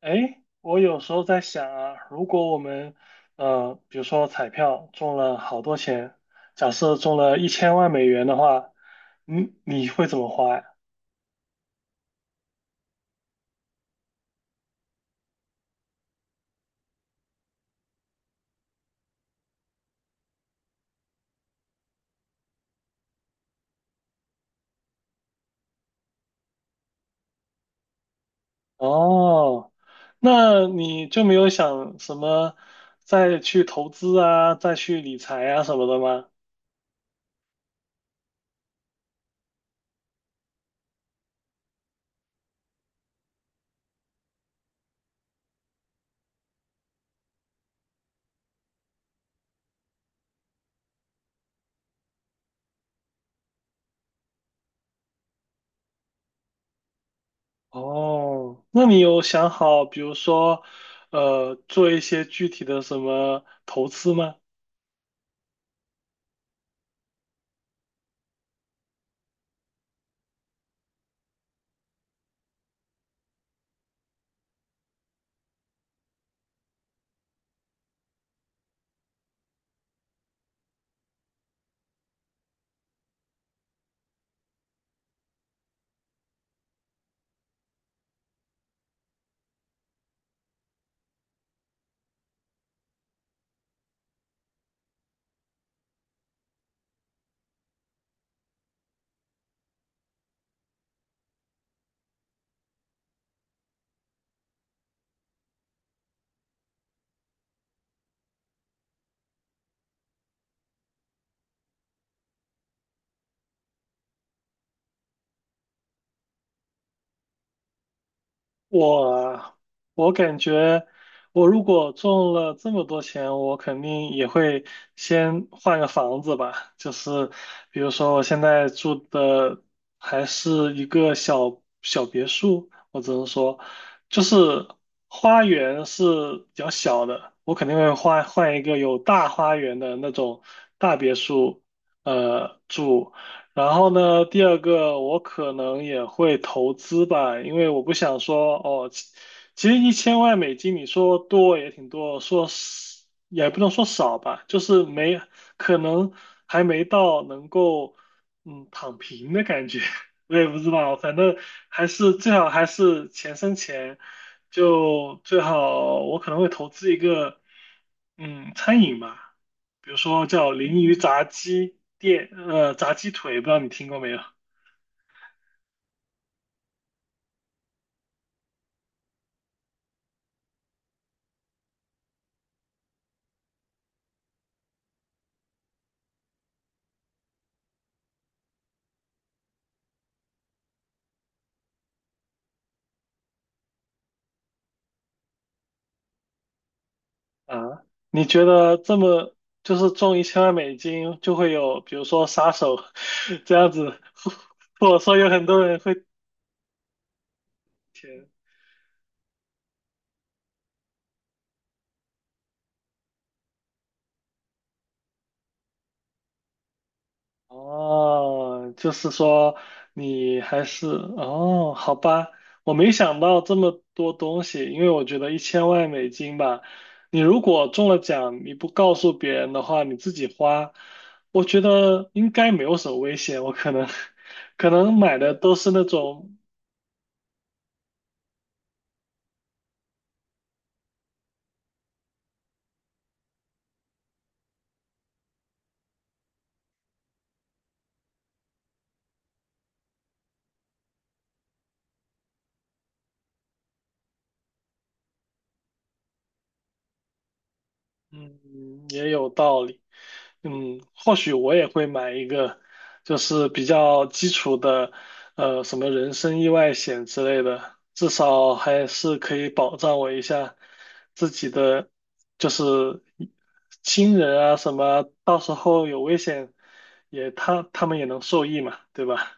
哎，我有时候在想啊，如果我们，比如说彩票中了好多钱，假设中了一千万美元的话，你会怎么花呀？哦，那你就没有想什么再去投资啊，再去理财啊什么的吗？哦，那你有想好，比如说，做一些具体的什么投资吗？我我感觉，我如果中了这么多钱，我肯定也会先换个房子吧。就是比如说，我现在住的还是一个小小别墅，我只能说，就是花园是比较小的，我肯定会换一个有大花园的那种大别墅，住。然后呢，第二个我可能也会投资吧，因为我不想说哦，其实一千万美金你说多也挺多，说少也不能说少吧，就是没可能还没到能够躺平的感觉，我也不知道，反正还是最好还是钱生钱，就最好我可能会投资一个嗯餐饮吧。比如说叫鲮鱼炸鸡店，炸鸡腿，不知道你听过没有啊？你觉得这么就是中一千万美金就会有，比如说杀手 这样子，或者说有很多人会填哦，就是说你还是哦，好吧，我没想到这么多东西，因为我觉得一千万美金吧，你如果中了奖，你不告诉别人的话，你自己花，我觉得应该没有什么危险，我可能 可能买的都是那种，嗯，也有道理。嗯，或许我也会买一个，就是比较基础的，什么人身意外险之类的，至少还是可以保障我一下自己的，就是亲人啊什么，到时候有危险也他们也能受益嘛，对吧？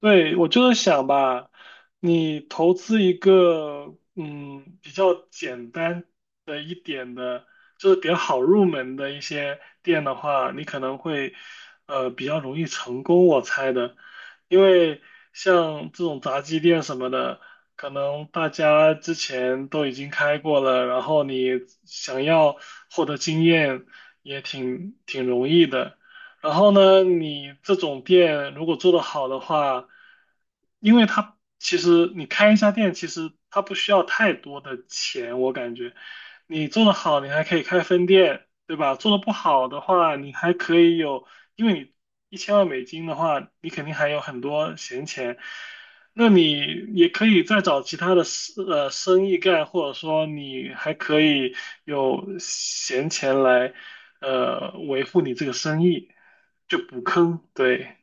对，我就是想吧，你投资一个比较简单的一点的，就是比较好入门的一些店的话，你可能会比较容易成功，我猜的，因为像这种炸鸡店什么的，可能大家之前都已经开过了，然后你想要获得经验也挺容易的。然后呢，你这种店如果做得好的话，因为它其实你开一家店，其实它不需要太多的钱，我感觉你做得好，你还可以开分店，对吧？做得不好的话，你还可以有，因为你一千万美金的话，你肯定还有很多闲钱，那你也可以再找其他的生意干，或者说你还可以有闲钱来。呃维护你这个生意，就补坑。对，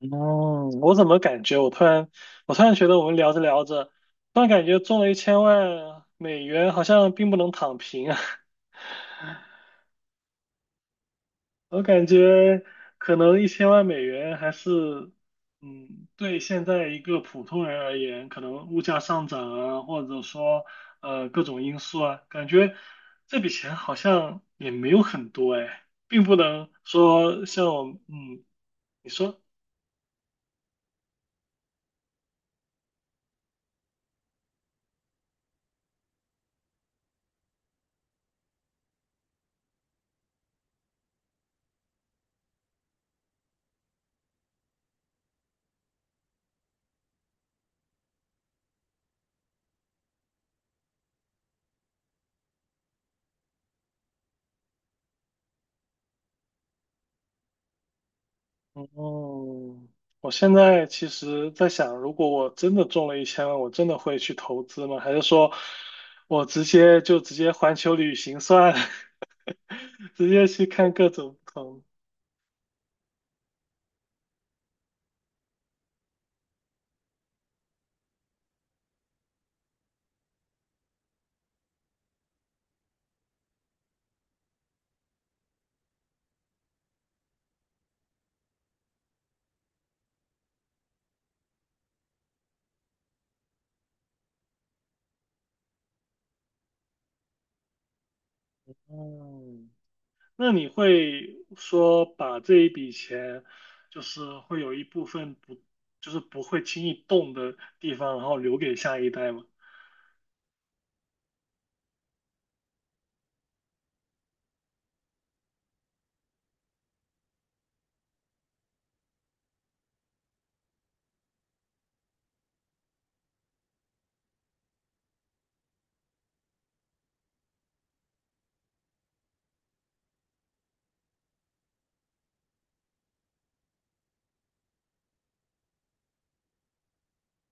嗯，我怎么感觉我突然觉得我们聊着聊着，突然感觉中了一千万美元好像并不能躺平啊，我感觉可能1000万美元还是。嗯，对现在一个普通人而言，可能物价上涨啊，或者说各种因素啊，感觉这笔钱好像也没有很多哎，并不能说像我，你说。哦，我现在其实在想，如果我真的中了一千万，我真的会去投资吗？还是说我直接环球旅行算了，直接去看各种不同？嗯，那你会说把这一笔钱，就是会有一部分不，就是不会轻易动的地方，然后留给下一代吗？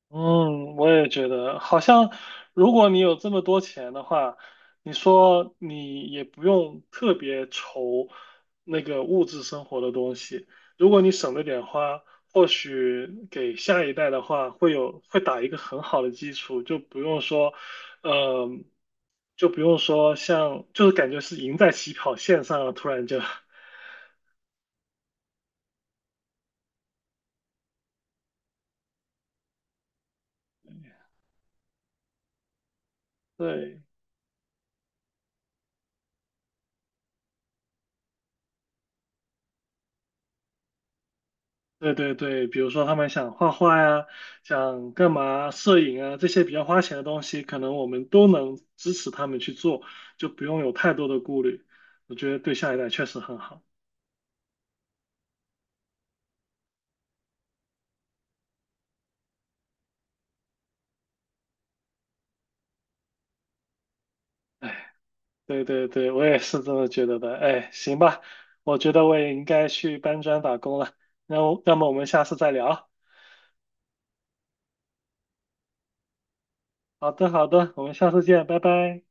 嗯，我也觉得，好像如果你有这么多钱的话，你说你也不用特别愁那个物质生活的东西。如果你省着点花，或许给下一代的话，会有会打一个很好的基础，就不用说，呃，就不用说像，就是感觉是赢在起跑线上了，突然就，对。对对对，比如说他们想画画呀，想干嘛，摄影啊，这些比较花钱的东西，可能我们都能支持他们去做，就不用有太多的顾虑。我觉得对下一代确实很好。对对对，我也是这么觉得的。哎，行吧，我觉得我也应该去搬砖打工了。那我，那么我们下次再聊。好的好的，我们下次见，拜拜。